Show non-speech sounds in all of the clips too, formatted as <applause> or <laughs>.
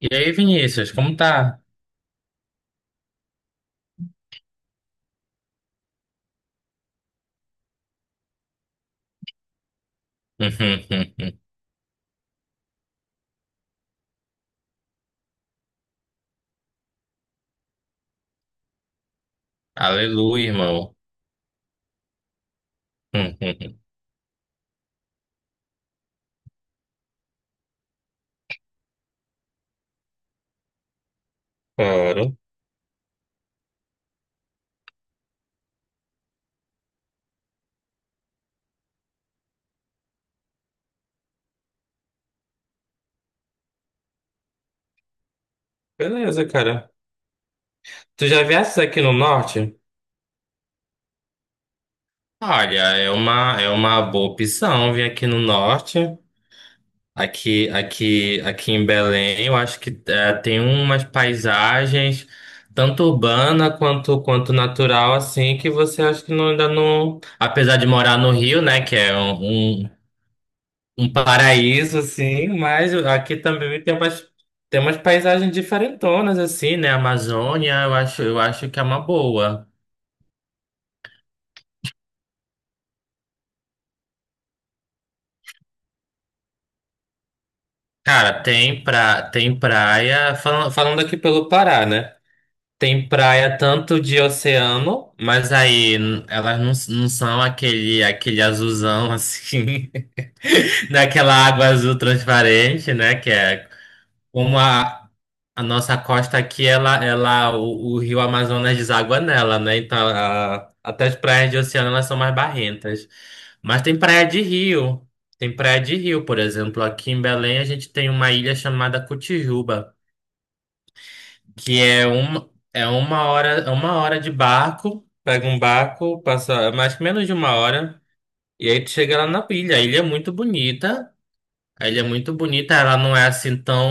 E aí, Vinícius, como tá? <laughs> Aleluia, irmão. <laughs> Claro. Beleza, cara. Tu já viesses aqui no norte? Olha, é uma boa opção vir aqui no norte. Aqui em Belém, eu acho que tem umas paisagens, tanto urbana quanto natural, assim, que você acha que não, ainda não. Apesar de morar no Rio, né, que é um um- paraíso, assim, mas aqui também tem umas paisagens diferentonas, assim, né? Amazônia, eu acho que é uma boa. Cara, tem, pra, tem praia, falando aqui pelo Pará, né? Tem praia tanto de oceano, mas aí elas não, não são aquele azulzão, assim, <laughs> daquela água azul transparente, né? Que é como a nossa costa aqui, o rio Amazonas deságua nela, né? Então, até as praias de oceano, elas são mais barrentas. Mas tem praia de rio. Tem praia de rio, por exemplo. Aqui em Belém, a gente tem uma ilha chamada Cotijuba, que é uma hora de barco. Pega um barco, passa é mais menos de uma hora, e aí tu chega lá na ilha. A ilha é muito bonita. A ilha é muito bonita, ela não é assim tão.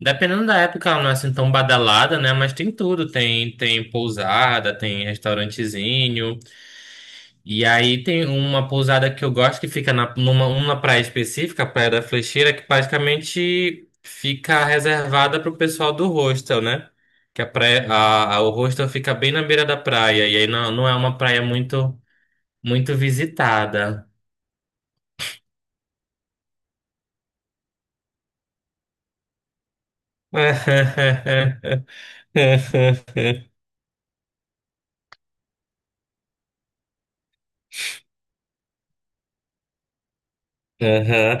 Dependendo da época, ela não é assim tão badalada, né? Mas tem tudo. Tem pousada, tem restaurantezinho. E aí tem uma pousada que eu gosto que fica na, numa, uma praia específica, a Praia da Flecheira, que praticamente fica reservada pro pessoal do hostel, né? Que a praia, o hostel fica bem na beira da praia. E aí não, não é uma praia muito, muito visitada. <laughs> Aham.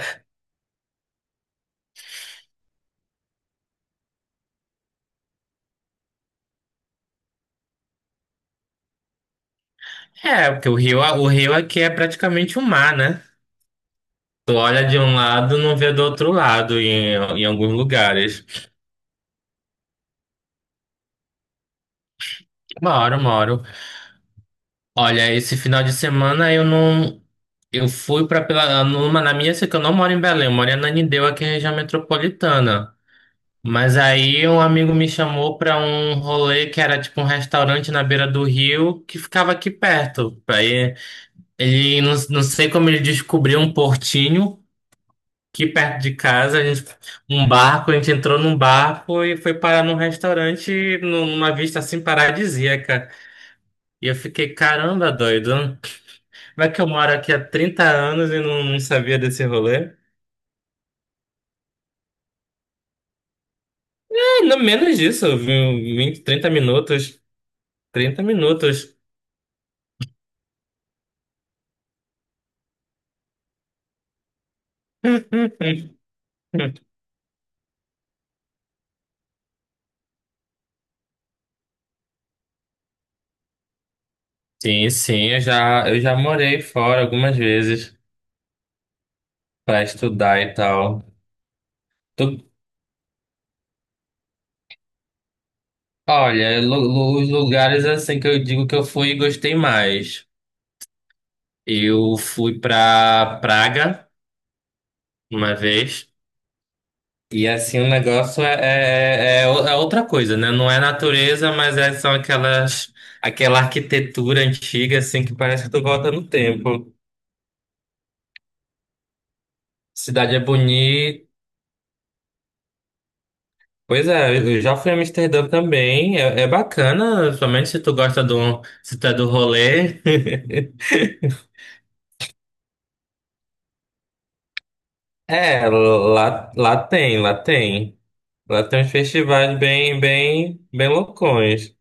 É, porque o rio aqui é praticamente um mar, né? Tu olha de um lado, não vê do outro lado em alguns lugares. Moro, moro. Olha, esse final de semana eu não. Eu fui pra numa na minha, sei que eu não moro em Belém, eu moro em Ananindeua, aqui em região metropolitana. Mas aí um amigo me chamou pra um rolê que era tipo um restaurante na beira do rio que ficava aqui perto. Aí ele, não, não sei como ele descobriu um portinho. Aqui perto de casa, a gente, um barco, a gente entrou num barco e foi parar num restaurante numa vista assim paradisíaca. E eu fiquei, caramba, doido. Como é que eu moro aqui há 30 anos e não, não sabia desse rolê? É, no menos disso, eu vi 20, 30 minutos. 30 minutos. <laughs> Sim, sim, eu já morei fora algumas vezes para estudar e tal. Tu- olha, os lugares assim que eu digo que eu fui e gostei mais. Eu fui pra Praga uma vez. E assim, o negócio é outra coisa, né? Não é natureza, mas é, são aquelas, aquela arquitetura antiga, assim, que parece que tu volta no tempo. Cidade é bonita. Pois é, eu já fui a Amsterdã também. É, é bacana, somente se tu gosta do, se tu é do rolê. <laughs> É, lá tem. Lá tem uns festivais bem, bem, bem loucões.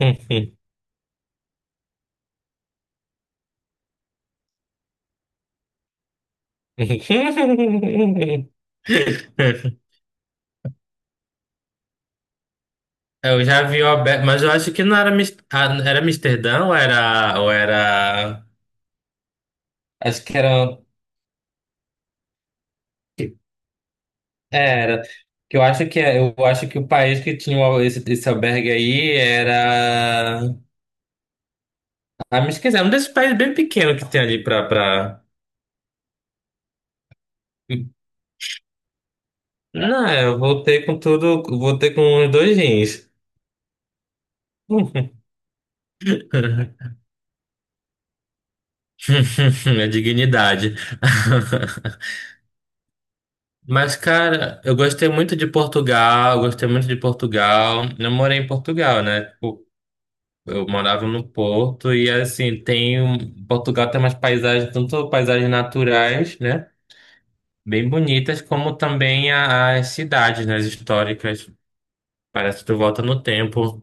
<laughs> <laughs> Eu já vi o Alberto, mas eu acho que não era, ah, era Amsterdã ou ou era. Acho que era. É, era. Que eu acho que eu acho que o país que tinha esse albergue aí era. Ah, me esqueci, é um desses países bem pequeno que tem ali pra, pra... Não, é, eu voltei com tudo, voltei com os dois rins. <laughs> A dignidade. <laughs> Mas, cara, eu gostei muito de Portugal, gostei muito de Portugal. Eu morei em Portugal, né? Tipo, eu morava no Porto e, assim, tem... Portugal tem umas paisagens, tanto paisagens naturais, né? Bem bonitas, como também as cidades, né? As históricas. Parece que tu volta no tempo.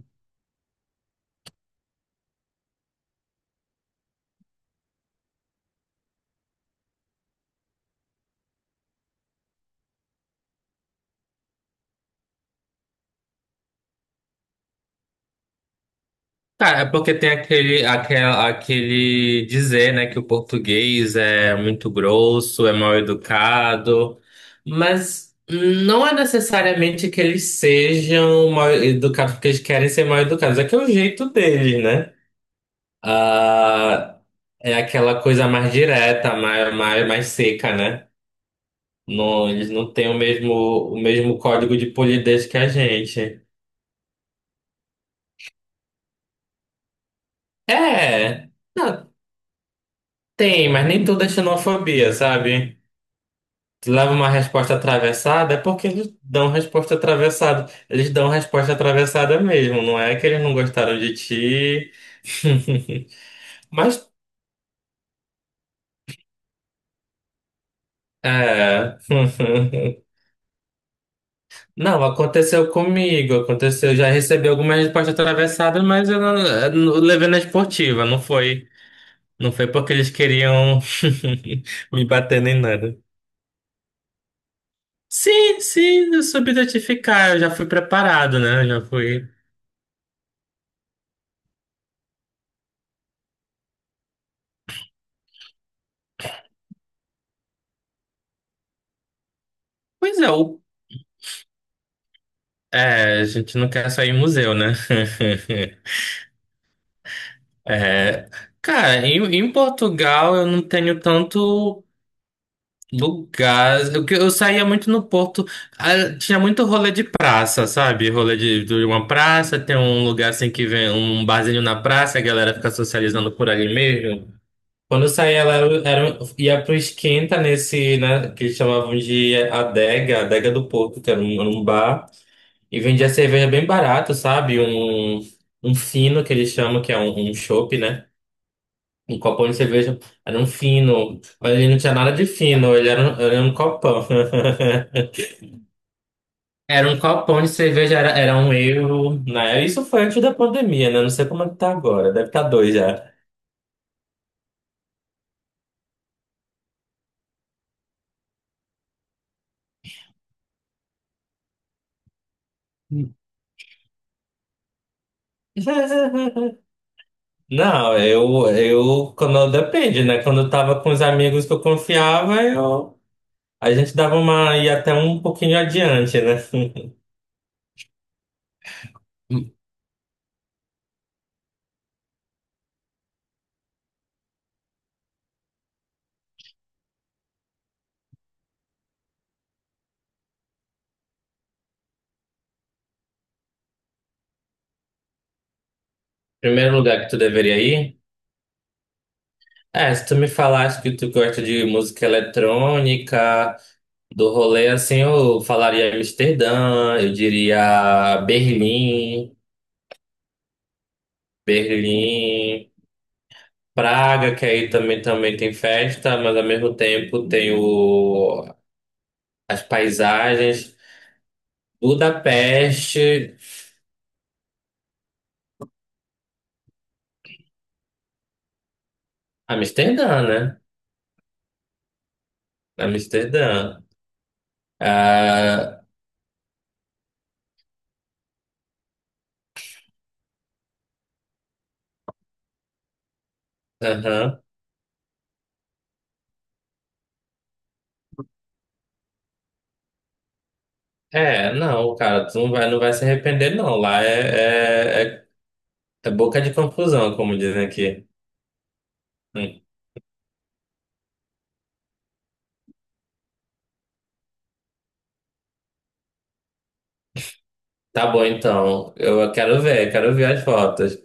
Cara, é porque tem aquele dizer, né, que o português é muito grosso, é mal educado, mas não é necessariamente que eles sejam mal educados porque eles querem ser mal educados, é que é o jeito deles, né? Ah, é aquela coisa mais direta, mais seca, né? Não, eles não têm o mesmo código de polidez que a gente. É, não, tem, mas nem toda é xenofobia, sabe? Leva uma resposta atravessada, é porque eles dão resposta atravessada. Eles dão resposta atravessada mesmo, não é que eles não gostaram de ti. <laughs> Mas, é. <laughs> Não, aconteceu comigo, aconteceu. Eu já recebi algumas respostas atravessadas, mas eu não levei na esportiva, não foi. Não foi porque eles queriam <laughs> me bater nem nada. Sim, sim, eu soube identificar, eu já fui preparado, né? Eu já fui. Pois é, o é, a gente não quer sair em museu, né? <laughs> É, cara, em Portugal eu não tenho tanto lugar. Eu saía muito no Porto. Ah, tinha muito rolê de praça, sabe? Rolê de uma praça, tem um lugar assim que vem um barzinho na praça, a galera fica socializando por ali mesmo. Quando eu saía lá, eu era, ia pro Esquenta nesse, né, que eles chamavam de Adega, Adega do Porto, que era um bar. E vendia cerveja bem barato, sabe? Um fino, que eles chamam, que é um chopp, né? Um copão de cerveja. Era um fino. Mas ele não tinha nada de fino, ele era, era um copão. <laughs> Era um copão de cerveja, era um euro, né? Isso foi antes da pandemia, né? Não sei como é que tá agora, deve estar dois já. <laughs> Não, quando, depende, né? Quando eu tava com os amigos que eu confiava, a gente dava uma, ia até um pouquinho adiante, né? <laughs> Primeiro lugar que tu deveria ir? É, se tu me falasse que tu gosta de música eletrônica, do rolê assim, eu falaria Amsterdã, eu diria Berlim, Berlim, Praga, que aí também, também tem festa, mas ao mesmo tempo tem o, as paisagens, Budapeste, Amsterdã, né? Amsterdã. Ah, aham. É, não, cara, tu não vai, não vai se arrepender, não. Lá é boca de confusão, como dizem aqui. Hum. Tá bom, então. Eu quero ver as fotos.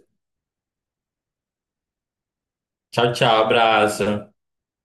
Tchau, tchau, abraço.